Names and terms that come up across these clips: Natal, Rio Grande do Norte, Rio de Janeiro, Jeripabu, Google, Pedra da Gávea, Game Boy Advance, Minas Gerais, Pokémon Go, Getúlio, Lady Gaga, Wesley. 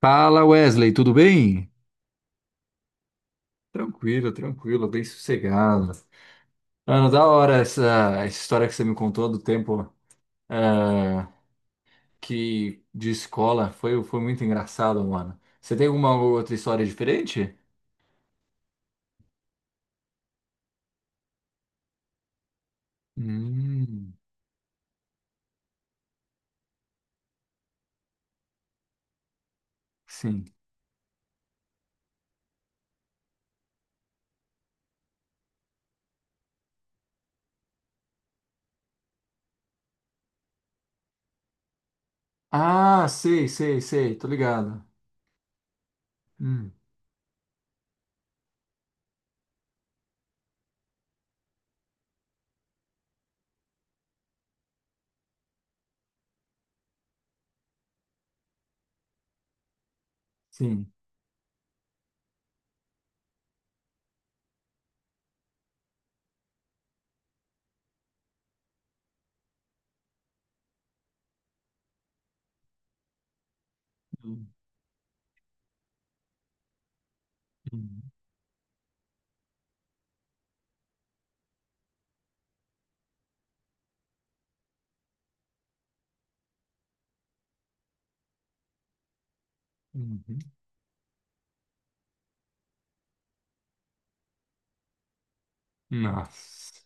Fala Wesley, tudo bem? Tranquilo, tranquilo, bem sossegado. Mano, da hora essa história que você me contou do tempo eh, que de escola foi muito engraçado, mano. Você tem alguma outra história diferente? Hum, sim. Ah, sei, sei, sei, tô ligado. Hum, sim. Hum, hum, uhum. Nossa.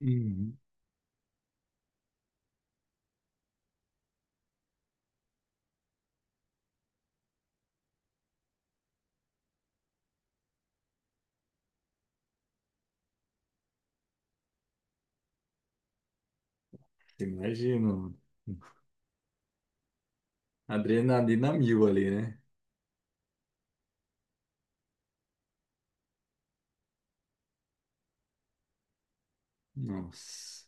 Uhum. Imagino, mano. Adrenalina mil ali, né? Nossa.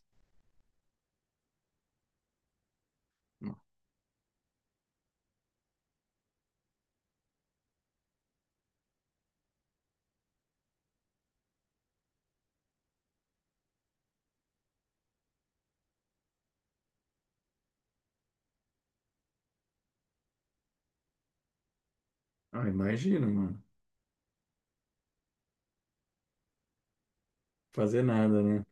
Ah, imagina, mano. Fazer nada, né?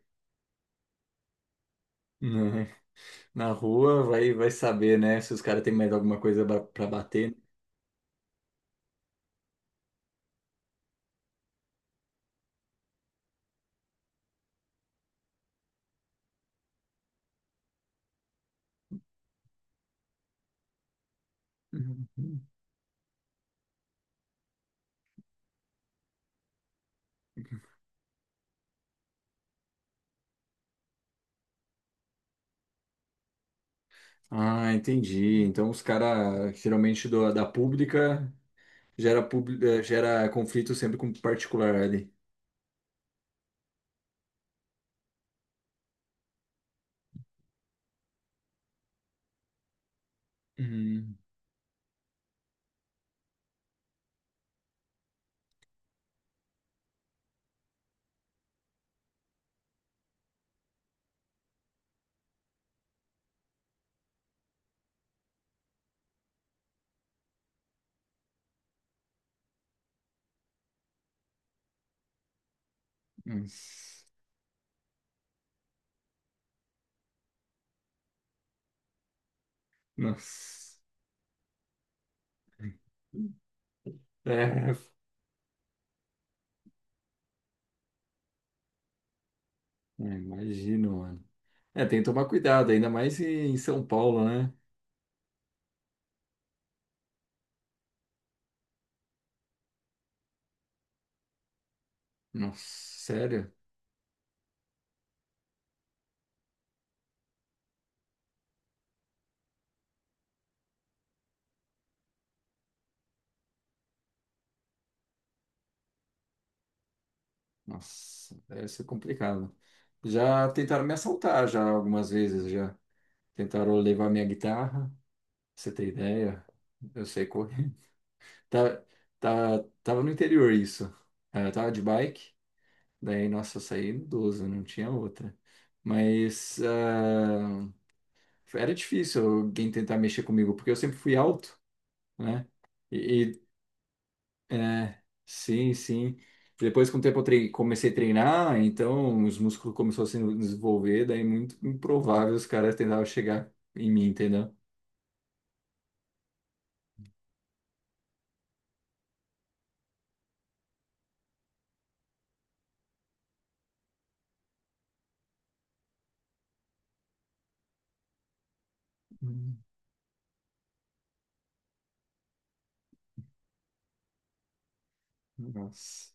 Né? Na rua vai saber, né? Se os caras têm mais alguma coisa pra bater. Uhum. Ah, entendi. Então os caras, geralmente da pública, gera conflito sempre com particular ali. Hum. Nossa. Nossa. É, é, imagino, mano. É, tem que tomar cuidado, ainda mais em São Paulo, né? Nossa, sério? Nossa, deve ser complicado. Já tentaram me assaltar já algumas vezes, já. Tentaram levar minha guitarra, pra você ter ideia. Eu sei correr. Tá, tá, tava no interior isso. Ah, eu tava de bike, daí, nossa, eu saí idoso, não tinha outra. Mas era difícil alguém tentar mexer comigo, porque eu sempre fui alto, né? E, é, sim, sim. Depois, com o tempo, eu comecei a treinar, então os músculos começaram a se desenvolver, daí muito improvável os caras tentavam chegar em mim, entendeu? Hum. Nossa,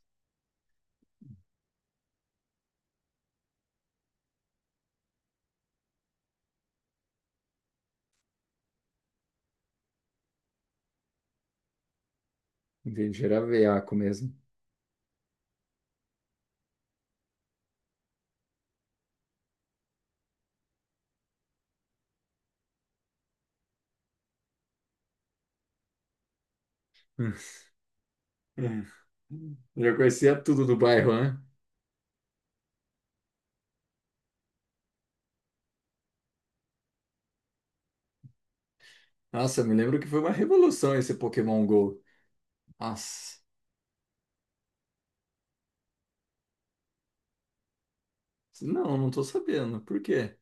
entendi, era veaco mesmo. É. Já conhecia tudo do bairro, né? Nossa, me lembro que foi uma revolução esse Pokémon Go. Nossa, não tô sabendo. Por quê?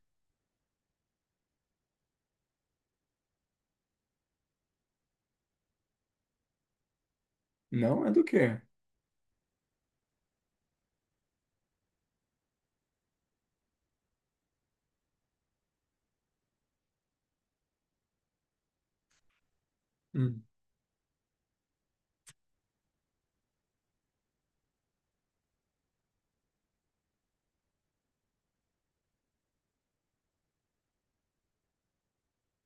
Não é do quê? Hum.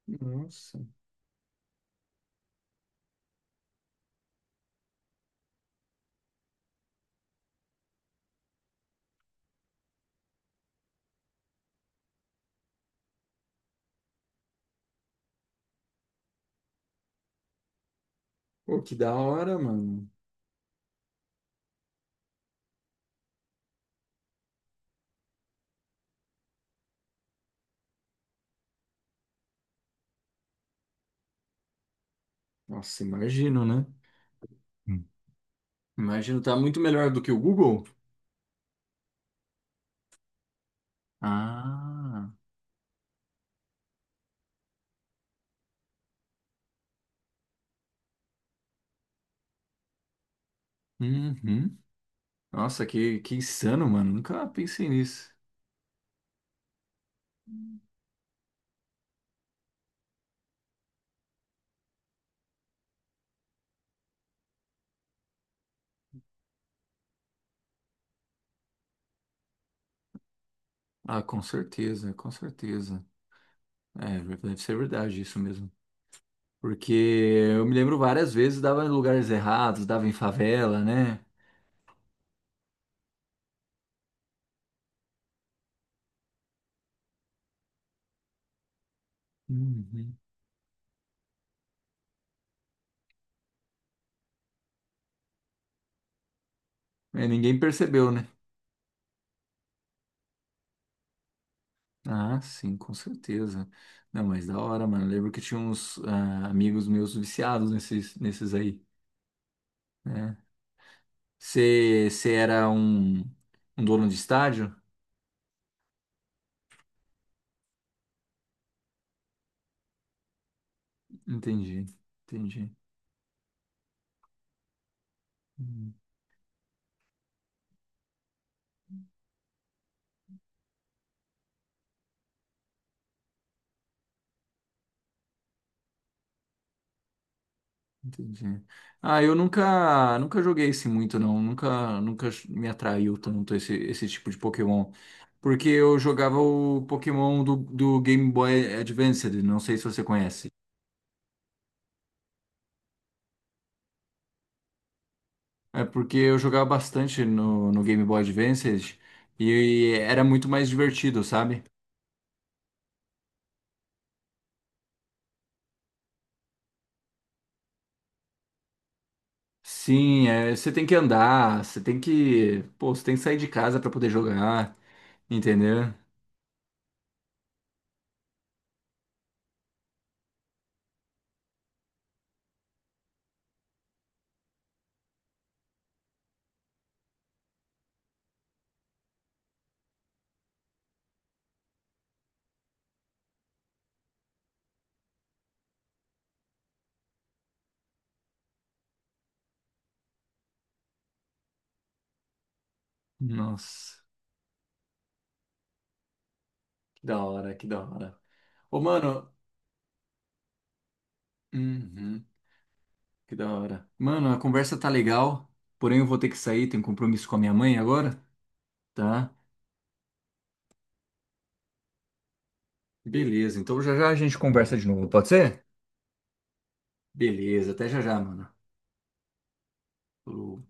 Nossa, pô, que da hora, mano. Nossa, imagino, né? Imagino, tá muito melhor do que o Google? Ah, uhum. Nossa, que insano, mano. Nunca pensei nisso. Ah, com certeza, com certeza. É, deve ser verdade isso mesmo. Porque eu me lembro várias vezes, dava em lugares errados, dava em favela, né? Uhum. É, ninguém percebeu, né? Ah, sim, com certeza. Não, mas da hora, mano. Eu lembro que tinha uns amigos meus viciados nesses, aí, né? Você era um dono de estádio? Entendi, entendi, hum, entendi. Ah, eu nunca, nunca joguei esse muito não, nunca, nunca me atraiu tanto esse tipo de Pokémon, porque eu jogava o Pokémon do Game Boy Advance, não sei se você conhece. É porque eu jogava bastante no Game Boy Advance e era muito mais divertido, sabe? Sim, é, você tem que andar, você tem que, pô, você tem que sair de casa pra poder jogar, entendeu? Nossa, que da hora, que da hora. Ô, mano, uhum, que da hora. Mano, a conversa tá legal, porém eu vou ter que sair, tenho um compromisso com a minha mãe agora, tá? Beleza, então já já a gente conversa de novo, pode ser? Beleza, até já já, mano. Falou.